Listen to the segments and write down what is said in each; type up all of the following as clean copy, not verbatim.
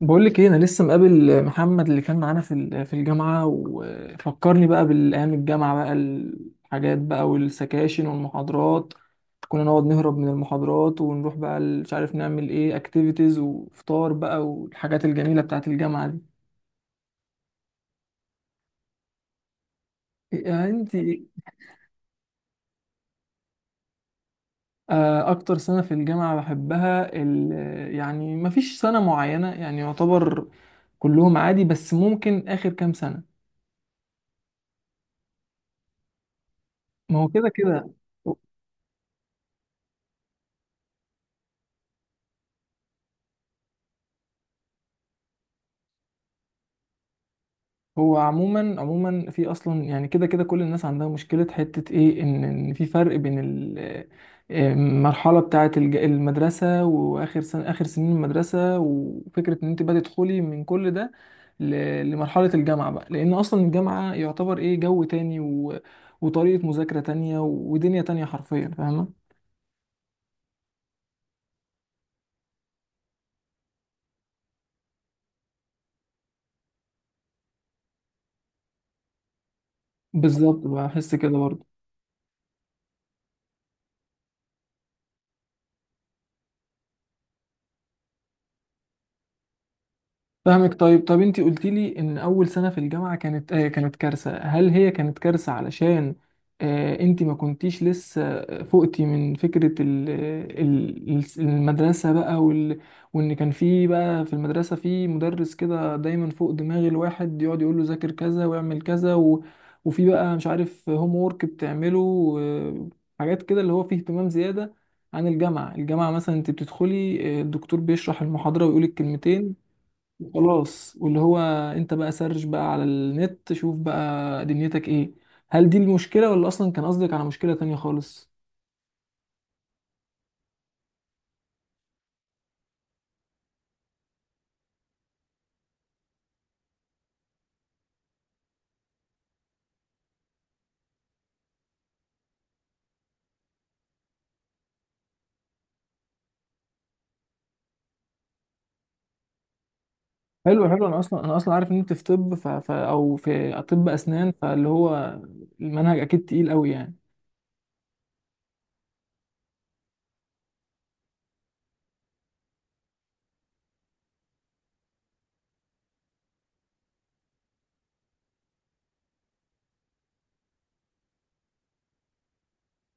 بقول لك ايه، انا لسه مقابل محمد اللي كان معانا في الجامعه، وفكرني بقى بالايام، الجامعه بقى، الحاجات بقى، والسكاشن والمحاضرات. كنا نقعد نهرب من المحاضرات ونروح بقى مش عارف نعمل ايه، اكتيفيتيز وفطار بقى، والحاجات الجميله بتاعت الجامعه دي. إيه انت إيه؟ اكتر سنه في الجامعه بحبها يعني مفيش سنه معينه يعني يعتبر، كلهم عادي، بس ممكن اخر كام سنه. ما هو كده كده. هو عموما عموما في اصلا، يعني كده كده كل الناس عندها مشكله، حته ايه، ان في فرق بين المرحله بتاعه المدرسه، واخر سنه، اخر سنين المدرسه، وفكره ان انت بقى تدخلي من كل ده لمرحله الجامعه بقى. لان اصلا الجامعه يعتبر ايه، جو تاني وطريقه مذاكره تانية، ودنيا تانية حرفيا، فاهمه. بالظبط بحس كده برضه. فاهمك. طيب طب انت قلت لي ان اول سنه في الجامعه كانت آه كانت كارثه، هل هي كانت كارثه علشان آه انت ما كنتيش لسه فقتي من فكره ال المدرسه بقى وان كان في بقى في المدرسه في مدرس كده دايما فوق دماغ الواحد، يقعد يقول له ذاكر كذا واعمل كذا، و وفي بقى مش عارف هوم وورك بتعمله حاجات كده اللي هو فيه اهتمام زياده عن الجامعة. الجامعة مثلا انت بتدخلي، آه، الدكتور بيشرح المحاضرة ويقولك كلمتين خلاص. واللي هو انت بقى سرش بقى على النت، شوف بقى دنيتك ايه. هل دي المشكلة، ولا اصلا كان قصدك على مشكلة تانية خالص؟ حلو حلو. انا اصلا عارف ان انت في طب، او في طب اسنان، فاللي هو المنهج اكيد تقيل قوي يعني.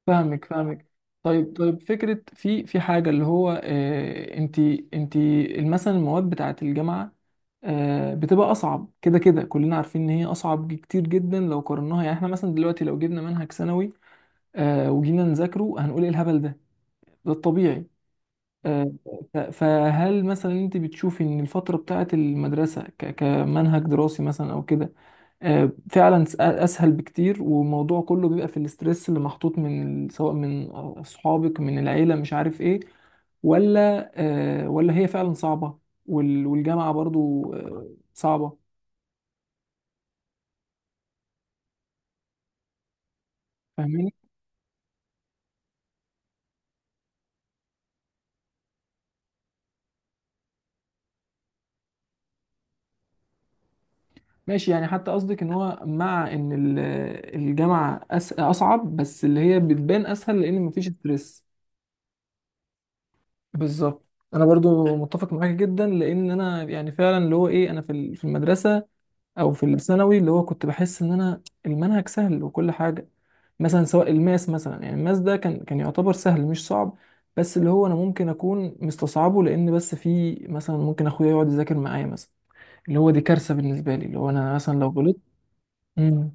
فاهمك. طيب طيب. فكرة في حاجة، اللي هو اه انت مثلا المواد بتاعة الجامعة، آه، بتبقى اصعب كده كده، كلنا عارفين ان هي اصعب كتير جدا لو قارناها. يعني احنا مثلا دلوقتي لو جبنا منهج ثانوي، آه، وجينا نذاكره هنقول ايه الهبل ده، ده الطبيعي. آه. فهل مثلا انت بتشوفي ان الفترة بتاعت المدرسة كمنهج دراسي مثلا، او كده، آه، فعلا اسهل بكتير، والموضوع كله بيبقى في الاسترس اللي محطوط من سواء من اصحابك، من العيلة، مش عارف ايه، ولا آه، ولا هي فعلا صعبة والجامعة برضو آه صعبة؟ فاهماني؟ ماشي، يعني حتى قصدك ان هو مع ان الجامعة اصعب، بس اللي هي بتبان اسهل لان مفيش ستريس. بالظبط. انا برضو متفق معاك جدا، لان انا يعني فعلا اللي هو ايه، انا في في المدرسة، او في الثانوي، اللي هو كنت بحس ان انا المنهج سهل وكل حاجة. مثلا سواء الماس مثلا، يعني الماس ده كان يعتبر سهل مش صعب، بس اللي هو انا ممكن اكون مستصعبه، لان بس في مثلا ممكن اخويا يقعد يذاكر معايا مثلا، اللي هو دي كارثة بالنسبة لي، اللي هو انا مثلا لو غلطت.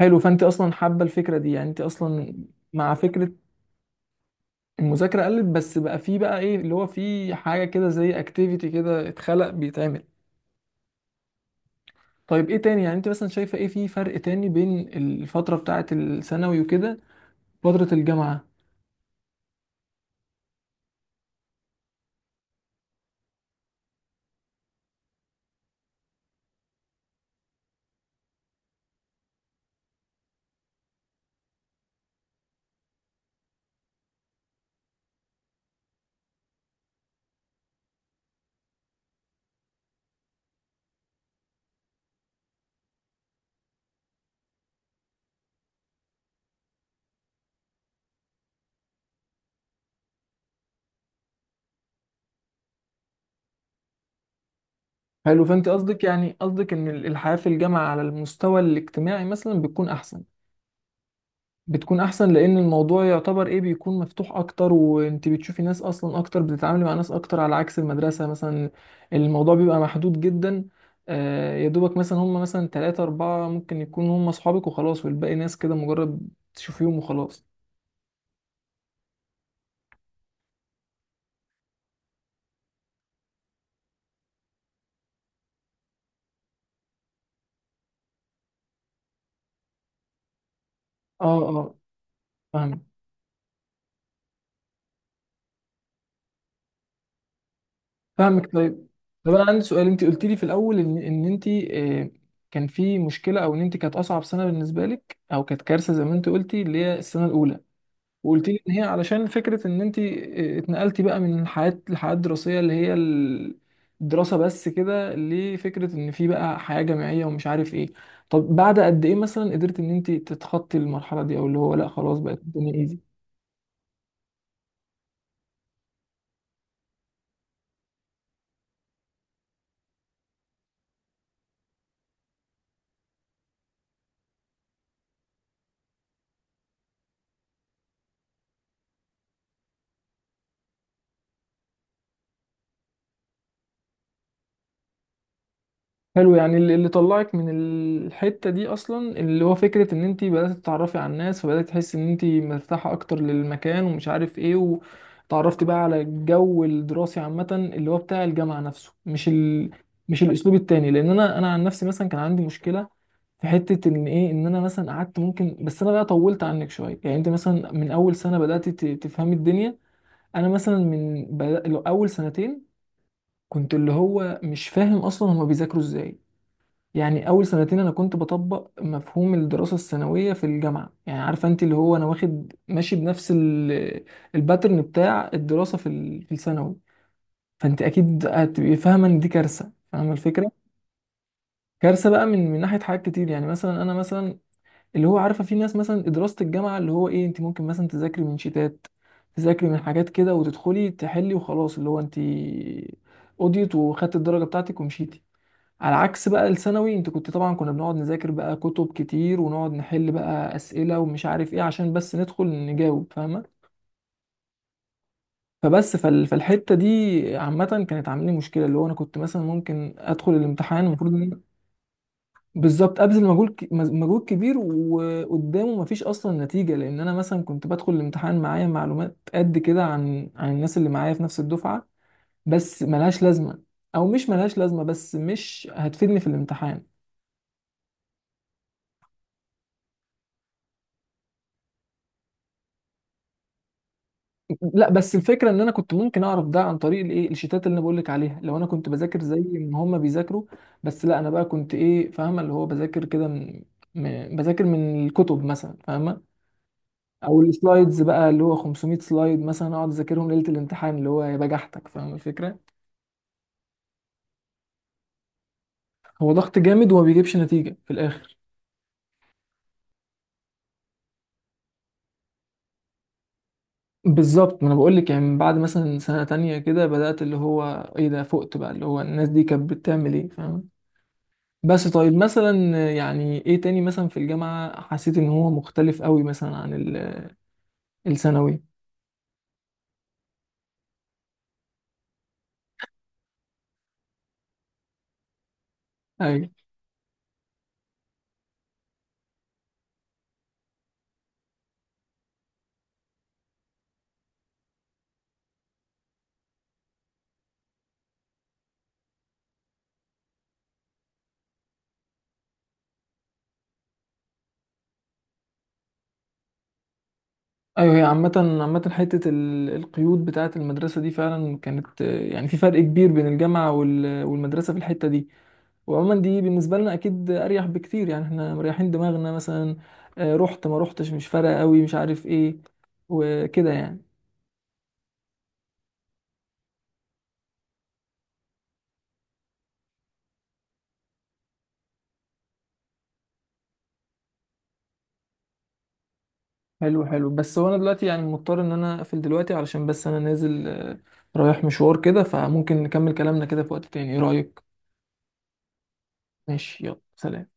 حلو، فانت اصلا حابه الفكره دي، يعني انت اصلا مع فكره المذاكره قلت، بس بقى في بقى ايه، اللي هو في حاجه كده زي اكتيفيتي كده اتخلق بيتعمل. طيب ايه تاني، يعني انت مثلا شايفه ايه في فرق تاني بين الفتره بتاعه الثانوي وكده، وفتره الجامعه؟ حلو، فانت قصدك يعني قصدك ان الحياه في الجامعه على المستوى الاجتماعي مثلا بتكون احسن، بتكون احسن لان الموضوع يعتبر ايه بيكون مفتوح اكتر، وانت بتشوفي ناس اصلا اكتر، بتتعاملي مع ناس اكتر، على عكس المدرسة مثلا الموضوع بيبقى محدود جدا، آه، يا دوبك مثلا هم مثلا تلاتة أربعة ممكن يكونوا هم أصحابك وخلاص، والباقي ناس كده مجرد تشوفيهم وخلاص. اه اه. فاهم. فاهمك. طيب طب أنا عندي سؤال، أنت قلت لي في الأول إن أنت، آه، كان في مشكلة، أو إن أنت كانت أصعب سنة بالنسبة لك، أو كانت كارثة زي ما أنت قلتي، اللي هي السنة الأولى. وقلت لي ان هي علشان فكره ان انت اتنقلتي بقى من حياه، الحياه الدراسيه اللي هي الدراسه بس كده، لفكره ان في بقى حياه جامعيه ومش عارف ايه. طب بعد قد ايه مثلا قدرت ان انت تتخطي المرحله دي، او اللي هو لا خلاص بقت الدنيا ايزي؟ حلو، يعني اللي طلعك من الحتة دي أصلا اللي هو فكرة إن أنت بدأت تتعرفي على الناس، فبدأت تحسي إن أنت مرتاحة أكتر للمكان، ومش عارف إيه، وتعرفتي بقى على الجو الدراسي عامة، اللي هو بتاع الجامعة نفسه، مش الأسلوب التاني. لأن أنا عن نفسي مثلا كان عندي مشكلة في حتة إن إيه، إن أنا مثلا قعدت ممكن، بس أنا بقى طولت عنك شوية، يعني أنت مثلا من أول سنة بدأت تفهمي الدنيا، أنا مثلا من أول سنتين كنت اللي هو مش فاهم أصلا هما بيذاكروا إزاي. يعني اول سنتين انا كنت بطبق مفهوم الدراسه الثانويه في الجامعه، يعني عارفه انت اللي هو انا واخد ماشي بنفس الباترن بتاع الدراسه في في الثانوي، فانت اكيد هتبقي فاهمه ان دي كارثه، فاهمه الفكره. كارثه بقى من ناحيه حاجات كتير، يعني مثلا انا مثلا اللي هو عارفه في ناس مثلا دراسه الجامعه اللي هو ايه، انت ممكن مثلا تذاكري من شيتات، تذاكري من حاجات كده، وتدخلي تحلي وخلاص، اللي هو انت قضيت وخدت الدرجه بتاعتك ومشيتي. على عكس بقى الثانوي، انت كنت طبعا، كنا بنقعد نذاكر بقى كتب كتير، ونقعد نحل بقى اسئله ومش عارف ايه، عشان بس ندخل نجاوب، فاهمه. فبس فالحته دي عامه كانت عامله لي مشكله، اللي هو انا كنت مثلا ممكن ادخل الامتحان المفروض ان أنا بالظبط ابذل مجهود مجهود كبير، وقدامه مفيش اصلا نتيجه، لان انا مثلا كنت بدخل الامتحان معايا معلومات قد كده عن الناس اللي معايا في نفس الدفعه، بس ملهاش لازمه، او مش ملهاش لازمه، بس مش هتفيدني في الامتحان. لا، بس الفكره ان انا كنت ممكن اعرف ده عن طريق الايه الشيتات اللي انا بقول لك عليها، لو انا كنت بذاكر زي ما هم بيذاكروا، بس لا انا بقى كنت ايه، فاهمه اللي هو بذاكر كده من بذاكر من الكتب مثلا، فاهمه، او السلايدز بقى اللي هو 500 سلايد مثلا اقعد اذاكرهم ليله الامتحان، اللي هو يا بجحتك، فاهم الفكره. هو ضغط جامد وما بيجيبش نتيجه في الاخر. بالظبط. ما انا بقول لك، يعني من بعد مثلا سنه تانية كده بدات اللي هو ايه ده، فقت بقى اللي هو الناس دي كانت بتعمل ايه، فاهم. بس طيب مثلا يعني ايه تاني مثلا في الجامعة حسيت ان هو مختلف قوي مثلا عن الثانوي؟ ايوه ايوه. هي عامة عامة حتة القيود بتاعة المدرسة دي فعلا كانت آه، يعني في فرق كبير بين الجامعة والمدرسة في الحتة دي. وعموما دي بالنسبة لنا اكيد اريح بكتير، يعني احنا مريحين دماغنا مثلا، آه، رحت ما رحتش مش فارقة قوي، مش عارف ايه، وكده يعني. حلو حلو، بس هو انا دلوقتي يعني مضطر ان انا اقفل دلوقتي، علشان بس انا نازل آه، رايح مشوار كده، فممكن نكمل كلامنا كده في وقت تاني، ايه رأيك؟ ماشي يلا سلام.